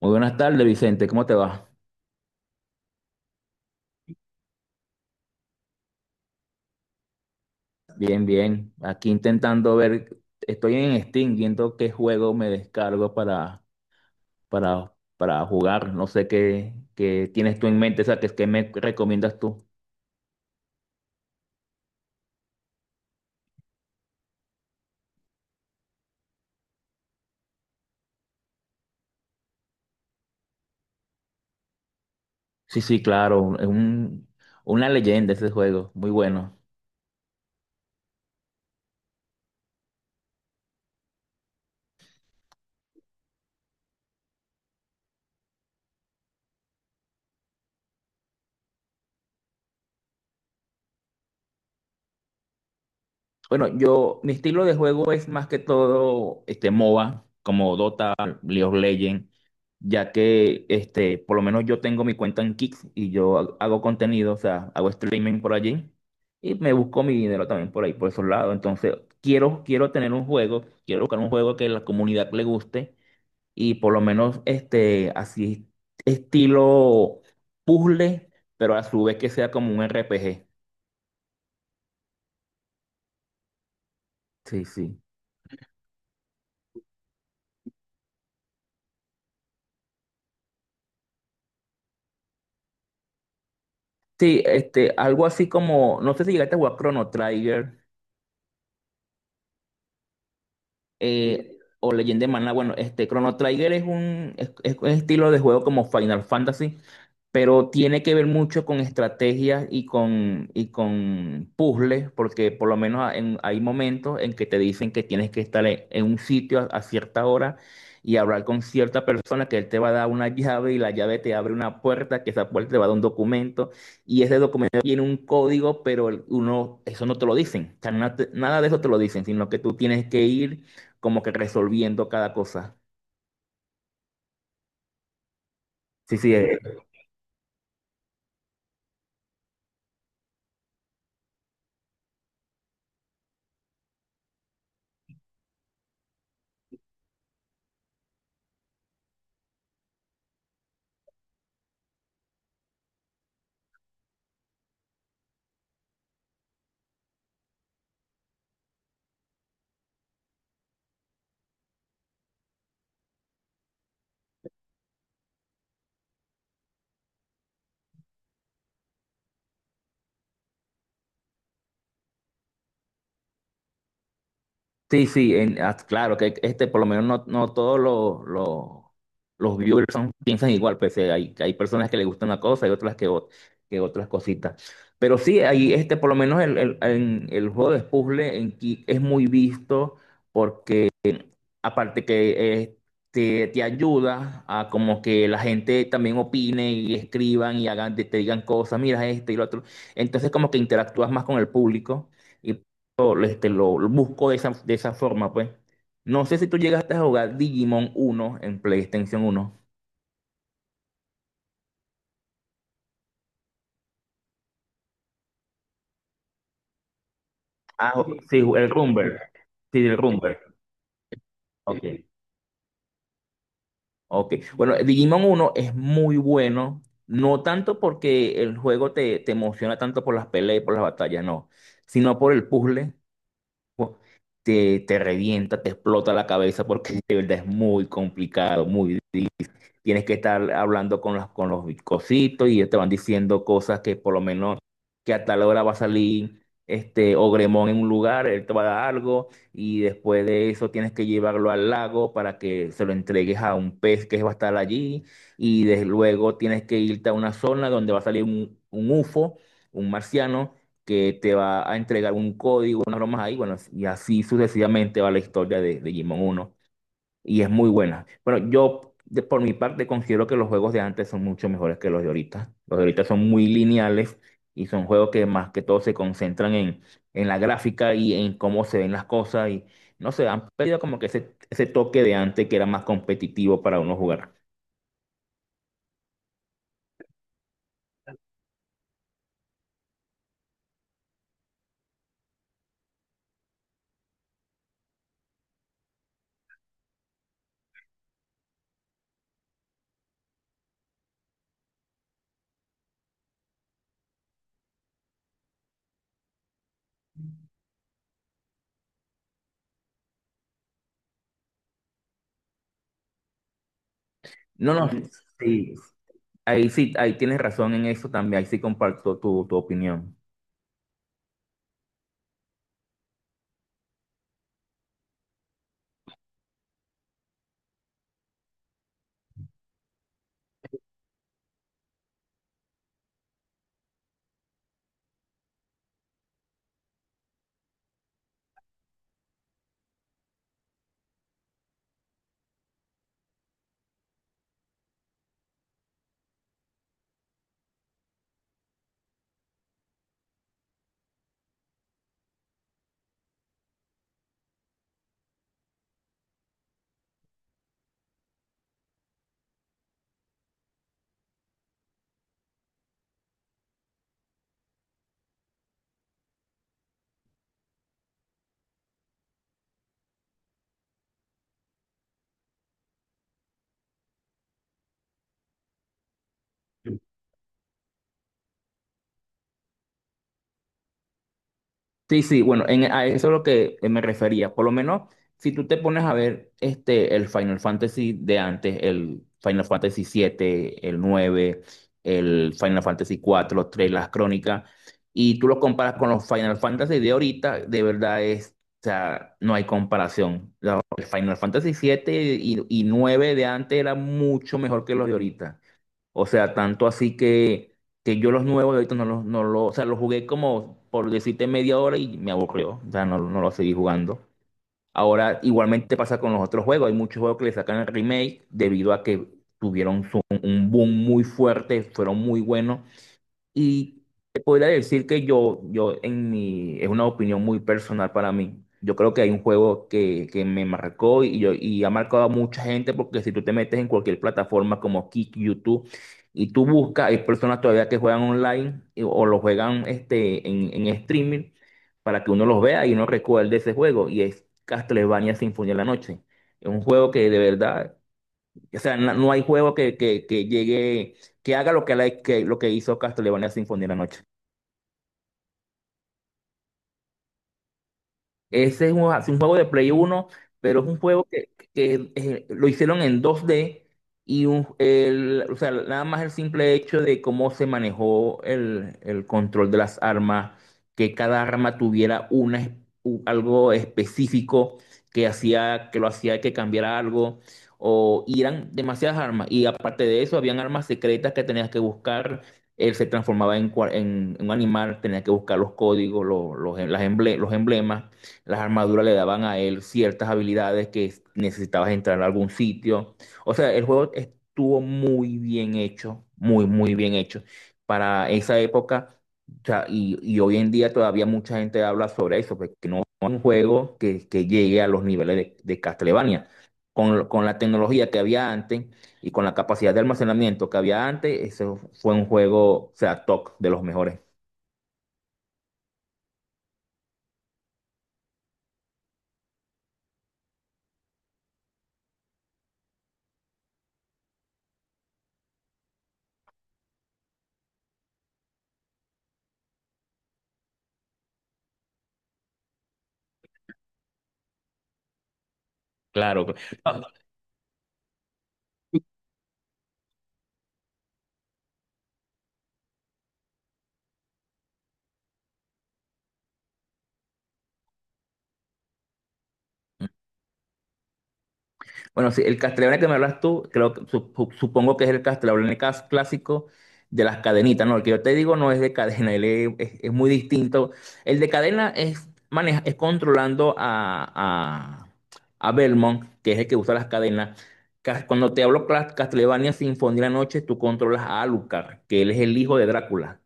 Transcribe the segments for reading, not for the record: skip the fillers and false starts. Muy buenas tardes, Vicente. ¿Cómo te va? Bien, bien. Aquí intentando ver, estoy en Steam viendo qué juego me descargo para jugar. No sé qué tienes tú en mente, o sea, qué me recomiendas tú. Sí, sí, claro. Una leyenda ese juego. Muy bueno. Bueno, yo, mi estilo de juego es más que todo este MOBA, como Dota, League of Legends, ya que este, por lo menos yo tengo mi cuenta en Kick y yo hago contenido, o sea, hago streaming por allí y me busco mi dinero también por ahí, por esos lados. Entonces, quiero tener un juego, quiero buscar un juego que la comunidad le guste y por lo menos este, así estilo puzzle, pero a su vez que sea como un RPG. Sí, sí. Sí, este, algo así como, no sé si llegaste a jugar Chrono Trigger. O Legend de maná. Bueno, este Chrono Trigger es un, es un estilo de juego como Final Fantasy, pero tiene que ver mucho con estrategias y y con puzzles, porque por lo menos hay momentos en que te dicen que tienes que estar en un sitio a cierta hora y hablar con cierta persona que él te va a dar una llave y la llave te abre una puerta, que esa puerta te va a dar un documento y ese documento tiene un código, pero eso no te lo dicen. O sea, nada de eso te lo dicen, sino que tú tienes que ir como que resolviendo cada cosa. Sí, sí, sí, sí, claro que este, por lo menos no, no todos los viewers piensan igual, pues hay, hay personas que les gusta una cosa y otras que, que otras cositas. Pero sí, ahí este, por lo menos el juego de puzzle en es muy visto. Aparte que te ayuda a como que la gente también opine y escriban y hagan, te digan cosas, mira este y lo otro. Entonces como que interactúas más con el público y lo busco de de esa forma, pues. No sé si tú llegaste a jugar Digimon uno en PlayStation uno. Ah, sí, el Rumble. Sí, el Rumble. Ok. Ok, bueno, Digimon uno es muy bueno, no tanto porque el juego te emociona tanto por las peleas y por las batallas, no, sino por el puzzle, pu- te revienta, te explota la cabeza porque de verdad es muy complicado, muy. Tienes que estar hablando con con los cositos y ellos te van diciendo cosas que por lo menos que a tal hora va a salir este Ogremón en un lugar, él te va a dar algo y después de eso tienes que llevarlo al lago para que se lo entregues a un pez que va a estar allí y desde luego tienes que irte a una zona donde va a salir un UFO, un marciano que te va a entregar un código, unas bromas ahí, bueno, y así sucesivamente va la historia de Digimon uno y es muy buena. Bueno, yo por mi parte considero que los juegos de antes son mucho mejores que los de ahorita. Los de ahorita son muy lineales y son juegos que más que todo se concentran en la gráfica y en cómo se ven las cosas y no sé, han perdido como que ese toque de antes que era más competitivo para uno jugar. No, no, sí, sí, ahí tienes razón en eso también, ahí sí comparto tu opinión. Sí, sí, bueno, en, a eso es lo que me refería. Por lo menos, si tú te pones a ver este, el Final Fantasy de antes, el Final Fantasy siete, el 9, el Final Fantasy 4, los 3 las crónicas, y tú lo comparas con los Final Fantasy de ahorita, de verdad es, o sea, no hay comparación. El Final Fantasy siete y 9 de antes era mucho mejor que los de ahorita. O sea, tanto así que yo los nuevos de ahorita no los, o sea, los jugué como por decirte media hora y me aburrió. O sea, no, no los seguí jugando. Ahora, igualmente pasa con los otros juegos. Hay muchos juegos que le sacan el remake debido a que tuvieron un boom muy fuerte, fueron muy buenos y te podría decir que yo en mi, es una opinión muy personal para mí. Yo creo que hay un juego que me marcó y, yo, y ha marcado a mucha gente porque si tú te metes en cualquier plataforma como Kick, YouTube, y tú buscas, hay personas todavía que juegan online o lo juegan este, en streaming para que uno los vea y uno recuerde ese juego. Y es Castlevania Sinfonía de la Noche. Es un juego que de verdad, o sea, no, no hay juego que llegue, que haga lo que, lo que hizo Castlevania Sinfonía de la noche. Ese es un juego de Play uno, pero es un juego que, lo hicieron en dos d y o sea, nada más el simple hecho de cómo se manejó el control de las armas, que cada arma tuviera una, algo específico que hacía, que lo hacía que cambiara algo, o y eran demasiadas armas. Y aparte de eso, habían armas secretas que tenías que buscar. Él se transformaba en, en un animal, tenía que buscar los códigos, los emblemas. Las armaduras le daban a él ciertas habilidades que necesitabas entrar a algún sitio. O sea, el juego estuvo muy bien hecho, muy, muy bien hecho. Para esa época, o sea, y hoy en día todavía mucha gente habla sobre eso, porque no es un juego que llegue a los niveles de Castlevania. Con la tecnología que había antes y con la capacidad de almacenamiento que había antes, ese fue un juego, o sea, top de los mejores. Claro. Bueno, sí, el castellano que me hablas tú, creo, supongo que es el castellano clásico de las cadenitas, ¿no? El que yo te digo no es de cadena, él es, es muy distinto. El de cadena es, maneja, es controlando a Belmont, que es el que usa las cadenas. Cuando te hablo Castlevania Sinfonía de la Noche, tú controlas a Alucard, que él es el hijo de Drácula.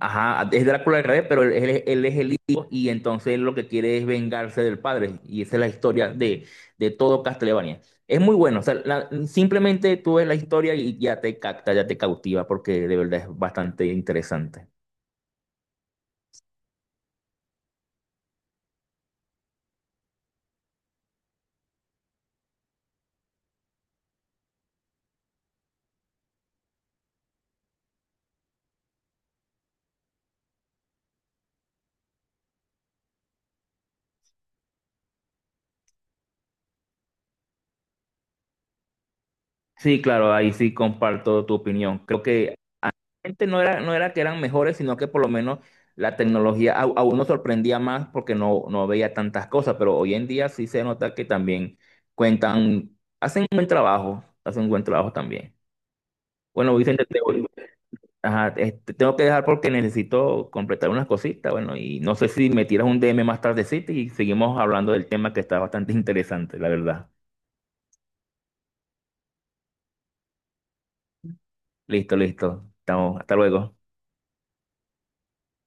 Ajá, es Drácula al revés, pero él es el hijo y entonces él lo que quiere es vengarse del padre. Y esa es la historia de todo Castlevania. Es muy bueno, o sea, simplemente tú ves la historia y ya te capta, ya te cautiva, porque de verdad es bastante interesante. Sí, claro, ahí sí comparto tu opinión. Creo que realmente no era, no era que eran mejores, sino que por lo menos la tecnología a uno sorprendía más porque no, no veía tantas cosas, pero hoy en día sí se nota que también cuentan, hacen un buen trabajo, hacen un buen trabajo también. Bueno, Vicente, ajá, este, tengo que dejar porque necesito completar unas cositas, bueno, y no sé si me tiras un DM más tardecito y seguimos hablando del tema que está bastante interesante, la verdad. Listo, listo. Estamos, hasta luego.